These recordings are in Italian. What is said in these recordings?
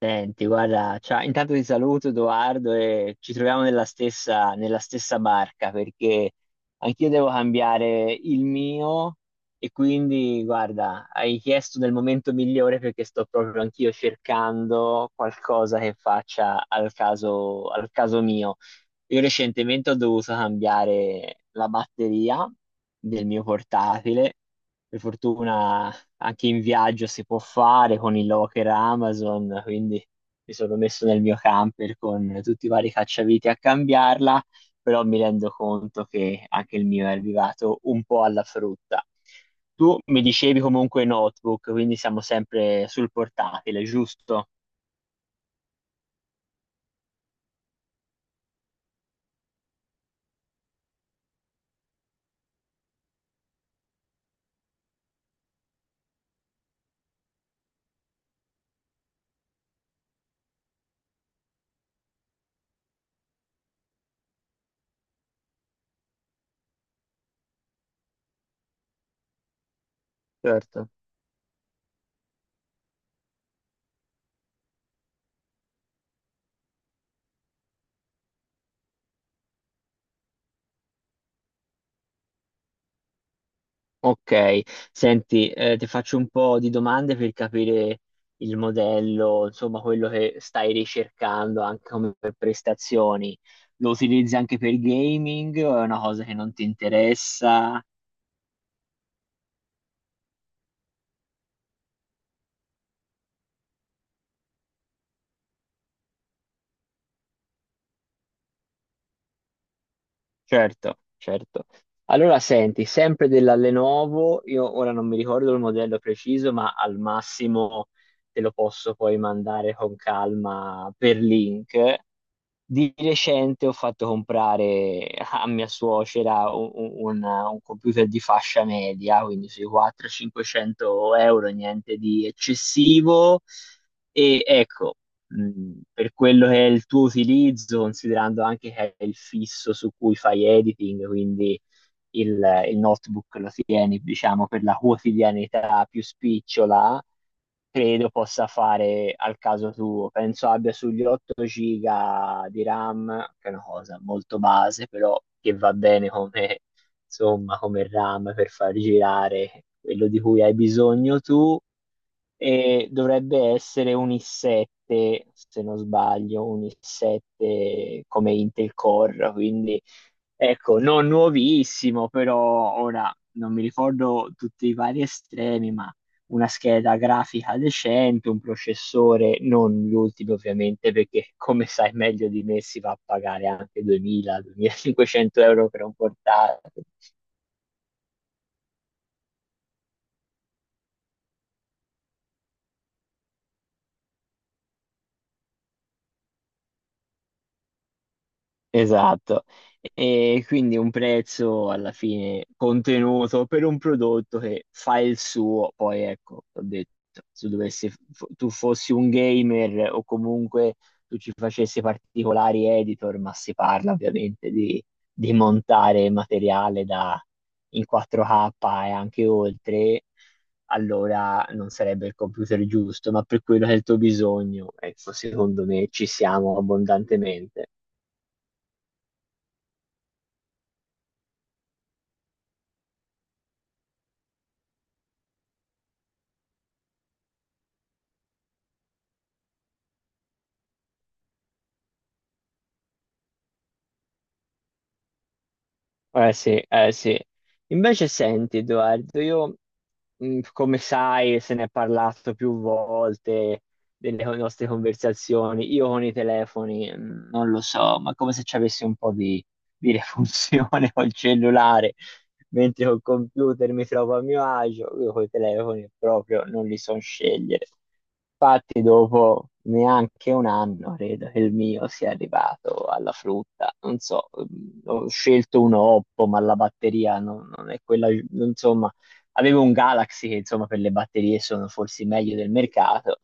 Senti, guarda, ciao, intanto ti saluto Edoardo e ci troviamo nella stessa barca perché anch'io devo cambiare il mio e quindi, guarda, hai chiesto nel momento migliore perché sto proprio anch'io cercando qualcosa che faccia al caso mio. Io recentemente ho dovuto cambiare la batteria del mio portatile. Per fortuna anche in viaggio si può fare con il locker Amazon, quindi mi sono messo nel mio camper con tutti i vari cacciaviti a cambiarla, però mi rendo conto che anche il mio è arrivato un po' alla frutta. Tu mi dicevi comunque notebook, quindi siamo sempre sul portatile, giusto? Certo. Ok, senti, ti faccio un po' di domande per capire il modello, insomma, quello che stai ricercando anche come per prestazioni. Lo utilizzi anche per gaming o è una cosa che non ti interessa? Certo, certo. Allora, senti, sempre della Lenovo, io ora non mi ricordo il modello preciso, ma al massimo te lo posso poi mandare con calma per link. Di recente ho fatto comprare a mia suocera un computer di fascia media, quindi sui 400-500 euro, niente di eccessivo. E ecco, per quello che è il tuo utilizzo, considerando anche che è il fisso su cui fai editing, quindi il, il notebook lo tieni, diciamo, per la quotidianità più spicciola credo possa fare al caso tuo. Penso abbia sugli 8 giga di RAM, che è una cosa molto base, però che va bene come, insomma, come RAM per far girare quello di cui hai bisogno tu e dovrebbe essere un i7, se non sbaglio, un i7 come Intel Core, quindi ecco, non nuovissimo, però ora non mi ricordo tutti i vari estremi, ma una scheda grafica decente, un processore, non gli ultimi ovviamente, perché come sai meglio di me si va a pagare anche 2000-2500 euro per un portatile. Esatto, e quindi un prezzo alla fine contenuto per un prodotto che fa il suo, poi ecco, ho detto, se dovessi, fo- tu fossi un gamer o comunque tu ci facessi particolari editor, ma si parla ovviamente di montare materiale in 4K e anche oltre, allora non sarebbe il computer giusto, ma per quello che è il tuo bisogno, ecco, secondo me ci siamo abbondantemente. Eh sì, eh sì. Invece senti, Edoardo, io, come sai, se ne è parlato più volte delle nostre conversazioni, io con i telefoni, non lo so, ma come se ci avessi un po' di refunzione col cellulare, mentre col computer mi trovo a mio agio, io con i telefoni proprio non li so scegliere. Infatti, dopo neanche un anno credo che il mio sia arrivato alla frutta. Non so, ho scelto un Oppo, ma la batteria non è quella. Insomma, avevo un Galaxy che insomma per le batterie sono forse i meglio del mercato.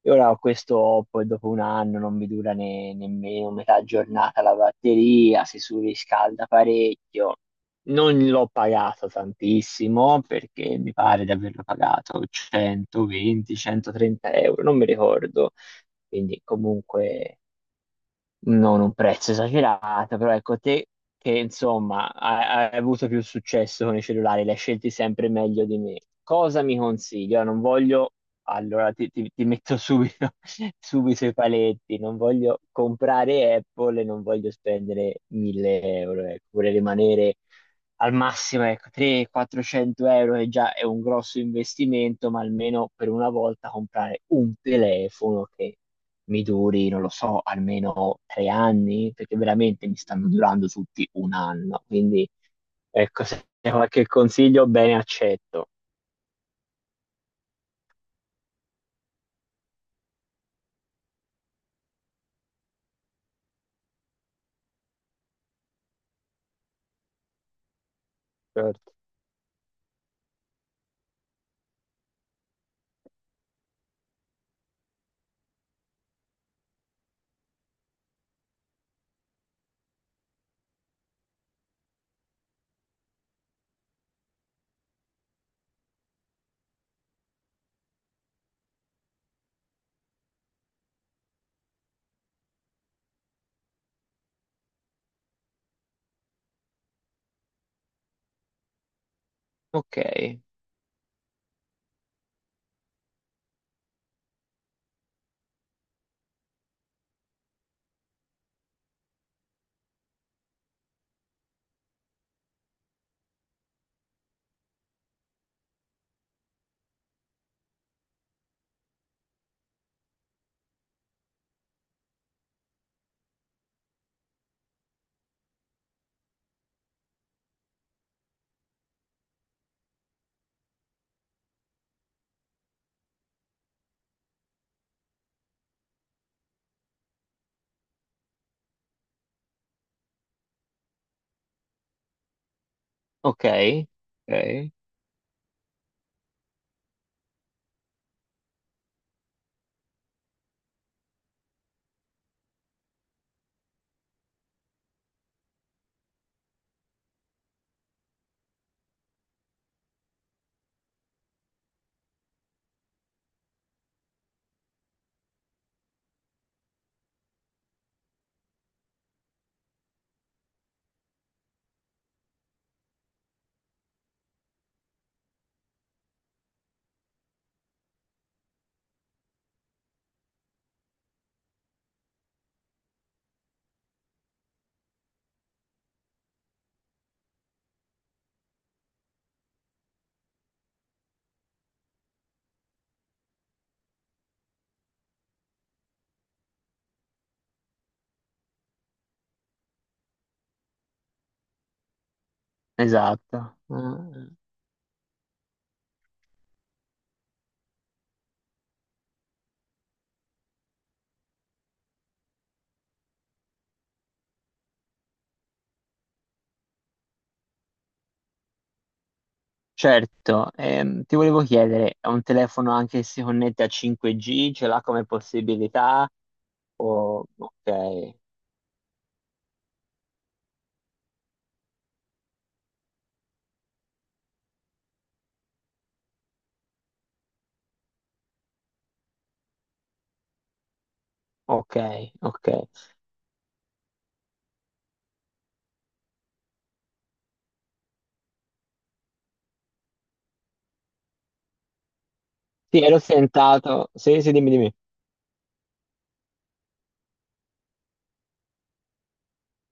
E ora ho questo Oppo e dopo un anno non mi dura nemmeno metà giornata la batteria, si surriscalda parecchio. Non l'ho pagato tantissimo perché mi pare di averlo pagato 120-130 euro, non mi ricordo, quindi comunque non un prezzo esagerato, però ecco te che insomma hai avuto più successo con i cellulari, li hai scelti sempre meglio di me. Cosa mi consigli? Ora non voglio, allora ti metto subito, subito i paletti, non voglio comprare Apple e non voglio spendere 1000 euro, ecco, vorrei rimanere al massimo ecco, 300-400 euro che già è un grosso investimento, ma almeno per una volta comprare un telefono che mi duri, non lo so, almeno 3 anni, perché veramente mi stanno durando tutti un anno. Quindi, ecco, se c'è qualche consiglio, bene, accetto. Certo. Ok, ok, ok, esatto. Mm, certo. Ti volevo chiedere, è un telefono anche che si connette a 5G, ce l'ha come possibilità? Ok, ok, ok. Sì, ero tentato. Sì, sì, dimmi, dimmi.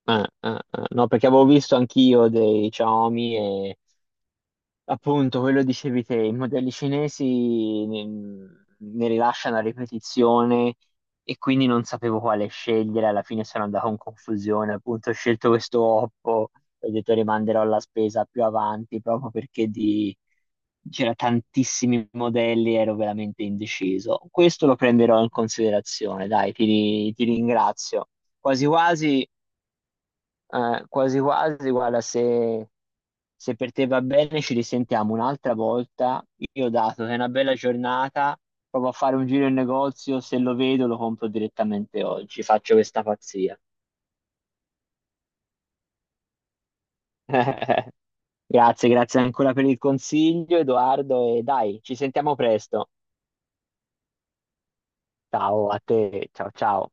Ah, ah, ah. No, perché avevo visto anch'io dei Xiaomi e appunto quello dicevi te, i modelli cinesi ne rilasciano a ripetizione e quindi non sapevo quale scegliere, alla fine sono andato in confusione, appunto ho scelto questo Oppo, ho detto rimanderò la spesa più avanti proprio perché c'era tantissimi modelli, ero veramente indeciso. Questo lo prenderò in considerazione, dai, ti ringrazio. Quasi quasi quasi quasi, guarda, se per te va bene ci risentiamo un'altra volta. Io dato che è una bella giornata, provo a fare un giro in negozio, se lo vedo lo compro direttamente oggi, faccio questa pazzia. Grazie, grazie ancora per il consiglio, Edoardo, e dai, ci sentiamo presto. Ciao a te, ciao ciao.